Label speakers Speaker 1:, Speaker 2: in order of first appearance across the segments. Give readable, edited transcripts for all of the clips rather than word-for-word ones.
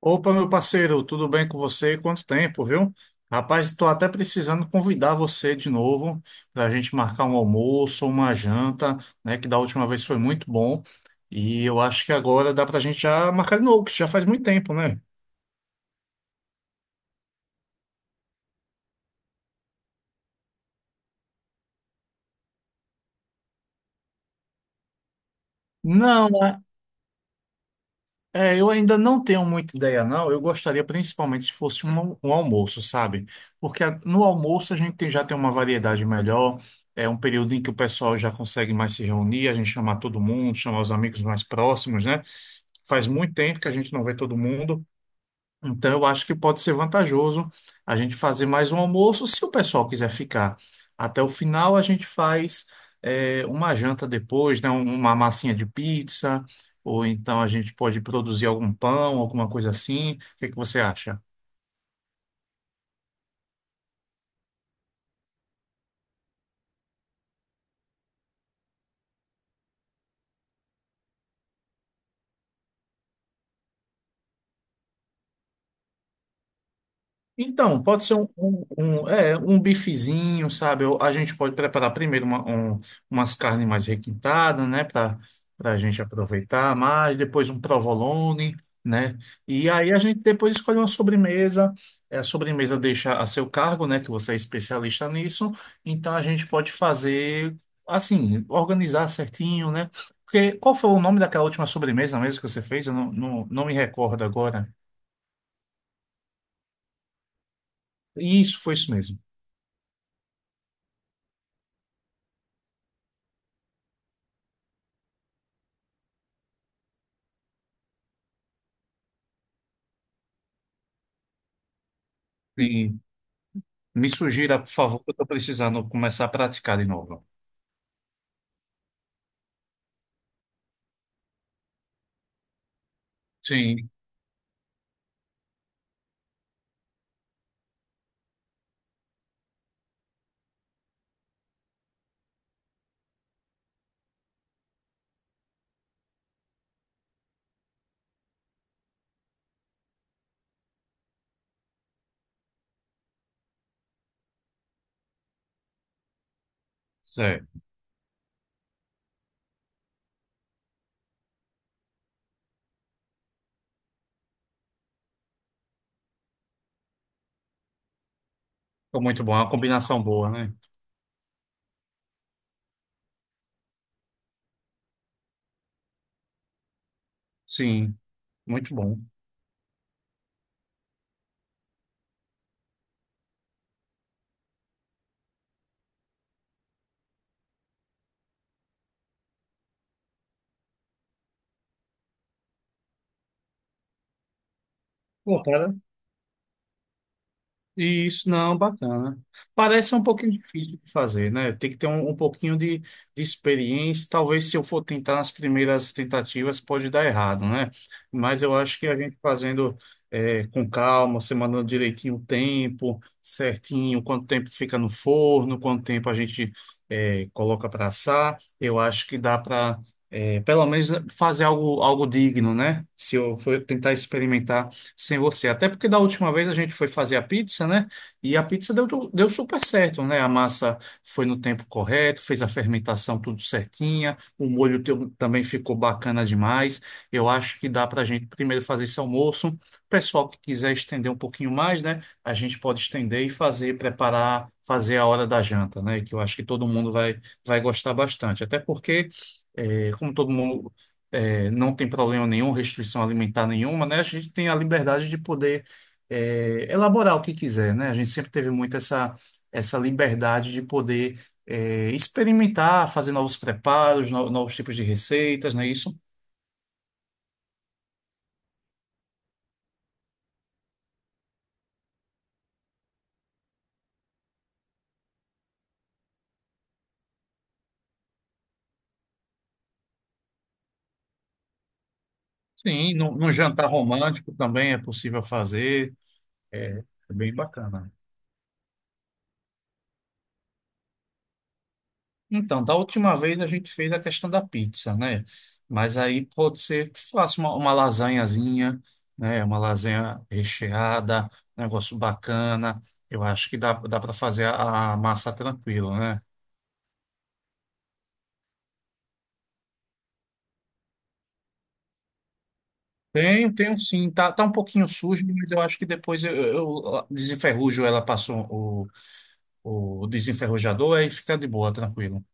Speaker 1: Opa, meu parceiro, tudo bem com você? Quanto tempo, viu? Rapaz, estou até precisando convidar você de novo para a gente marcar um almoço, uma janta, né? Que da última vez foi muito bom. E eu acho que agora dá para a gente já marcar de novo, que já faz muito tempo, né? Não, eu ainda não tenho muita ideia, não. Eu gostaria principalmente se fosse um almoço, sabe? No almoço a gente já tem uma variedade melhor, é um período em que o pessoal já consegue mais se reunir, a gente chamar todo mundo, chamar os amigos mais próximos, né? Faz muito tempo que a gente não vê todo mundo. Então, eu acho que pode ser vantajoso a gente fazer mais um almoço, se o pessoal quiser ficar até o final, a gente faz uma janta depois, né? Uma massinha de pizza, ou então a gente pode produzir algum pão, alguma coisa assim. O que que você acha? Então, pode ser um bifezinho, sabe? Ou a gente pode preparar primeiro umas carnes mais requintadas, né? Para a gente aproveitar mais, depois um provolone, né? E aí a gente depois escolhe uma sobremesa. A sobremesa deixa a seu cargo, né? Que você é especialista nisso. Então a gente pode fazer assim, organizar certinho, né? Porque qual foi o nome daquela última sobremesa mesmo que você fez? Eu não me recordo agora. Isso, foi isso mesmo. Me sugira, por favor, que eu estou precisando começar a praticar de novo. Sim, certo. Ficou muito bom, é uma combinação boa, né? Sim, muito bom. Pô, cara, isso, não, bacana. Parece um pouquinho difícil de fazer, né? Tem que ter um pouquinho de experiência. Talvez se eu for tentar nas primeiras tentativas, pode dar errado, né? Mas eu acho que a gente fazendo com calma, você mandando direitinho o tempo, certinho, quanto tempo fica no forno, quanto tempo a gente coloca para assar, eu acho que dá para, pelo menos, fazer algo, algo digno, né? Se eu for tentar experimentar sem você. Até porque da última vez a gente foi fazer a pizza, né? E a pizza deu super certo, né? A massa foi no tempo correto, fez a fermentação tudo certinha, o molho também ficou bacana demais. Eu acho que dá para a gente primeiro fazer esse almoço. O pessoal que quiser estender um pouquinho mais, né? A gente pode estender e fazer, preparar, fazer a hora da janta, né? Que eu acho que todo mundo vai gostar bastante. Até porque. É, como todo mundo não tem problema nenhum, restrição alimentar nenhuma, né? A gente tem a liberdade de poder elaborar o que quiser, né? A gente sempre teve muito essa liberdade de poder experimentar, fazer novos preparos, novos tipos de receitas, não é isso? Sim, num jantar romântico também é possível fazer, é, é bem bacana. Então, da última vez a gente fez a questão da pizza, né? Mas aí pode ser que faça uma lasanhazinha, né? Uma lasanha recheada, um negócio bacana. Eu acho que dá para fazer a massa tranquilo, né? Tenho, tenho sim. Tá um pouquinho sujo, mas eu acho que depois eu desenferrujo ela, passou o desenferrujador, aí fica de boa, tranquilo.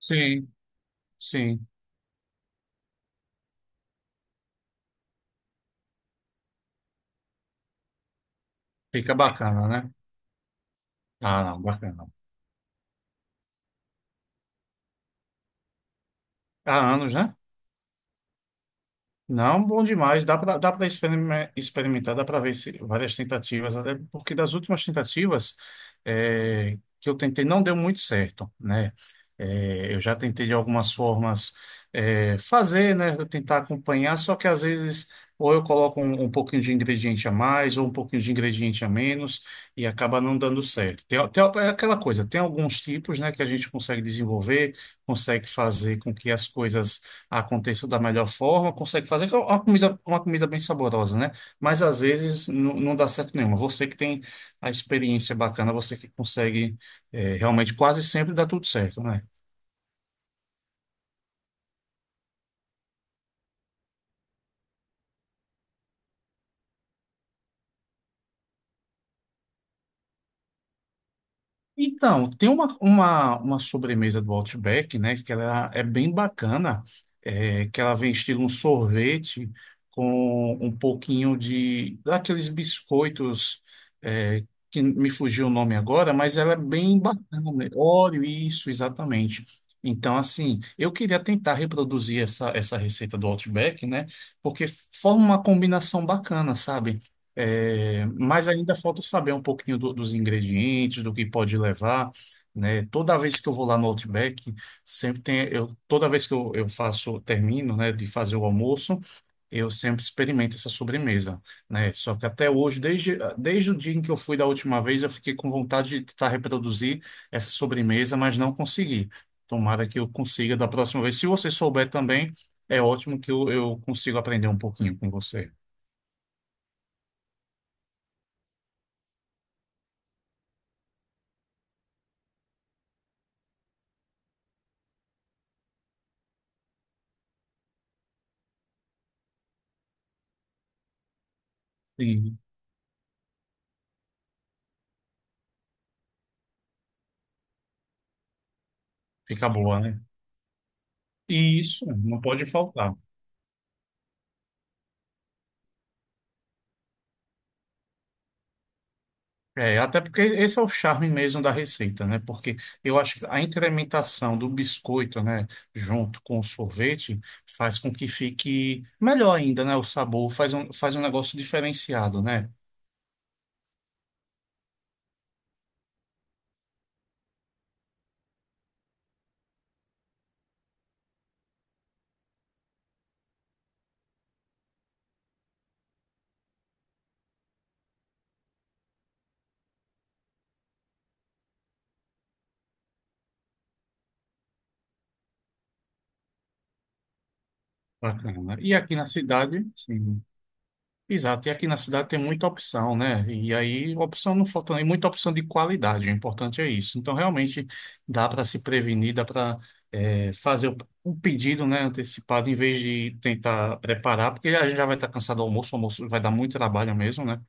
Speaker 1: Sim, sim. Fica bacana, né? Ah, não, bacana. Há anos, né? Não, bom demais. Dá para experimentar, dá para ver várias tentativas, até porque das últimas tentativas que eu tentei não deu muito certo, né? Eu já tentei de algumas formas fazer, né? Tentar acompanhar, só que às vezes ou eu coloco um pouquinho de ingrediente a mais ou um pouquinho de ingrediente a menos e acaba não dando certo. Tem é aquela coisa, tem alguns tipos, né, que a gente consegue desenvolver, consegue fazer com que as coisas aconteça da melhor forma, consegue fazer que é uma comida bem saborosa, né? Mas às vezes não dá certo nenhuma. Você que tem a experiência bacana, você que consegue realmente quase sempre dá tudo certo, né? Então, tem uma sobremesa do Outback, né? Que ela é bem bacana, que ela vem estilo um sorvete com um pouquinho de daqueles biscoitos é, que me fugiu o nome agora, mas ela é bem bacana, né? Oreo, isso, exatamente. Então, assim, eu queria tentar reproduzir essa receita do Outback, né? Porque forma uma combinação bacana, sabe? É, mas ainda falta saber um pouquinho dos ingredientes, do que pode levar, né? Toda vez que eu vou lá no Outback, sempre tem, eu, toda vez que eu faço, termino, né, de fazer o almoço, eu sempre experimento essa sobremesa, né? Só que até hoje, desde o dia em que eu fui da última vez, eu fiquei com vontade de tentar reproduzir essa sobremesa, mas não consegui. Tomara que eu consiga da próxima vez. Se você souber também, é ótimo que eu consigo aprender um pouquinho com você. Sim, fica boa, né? e isso, não pode faltar. É, até porque esse é o charme mesmo da receita, né? Porque eu acho que a incrementação do biscoito, né, junto com o sorvete, faz com que fique melhor ainda, né? O sabor faz faz um negócio diferenciado, né? Bacana. E aqui na cidade, sim. Exato, e aqui na cidade tem muita opção, né? E aí, opção não falta, nem muita opção de qualidade, o importante é isso. Então, realmente, dá para se prevenir, dá para fazer o pedido, né, antecipado, em vez de tentar preparar, porque a gente já vai estar cansado do almoço, o almoço vai dar muito trabalho mesmo, né?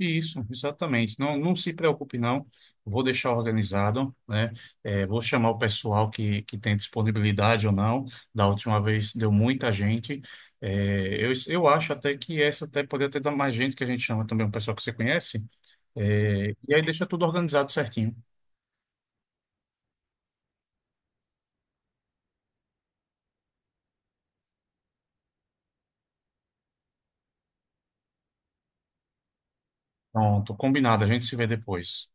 Speaker 1: Isso, exatamente. Não, não se preocupe, não. Vou deixar organizado, né? É, vou chamar o pessoal que tem disponibilidade ou não. Da última vez deu muita gente. É, eu acho até que essa até poderia ter dado mais gente, que a gente chama também um pessoal que você conhece. É, e aí deixa tudo organizado certinho. Pronto, combinado. A gente se vê depois.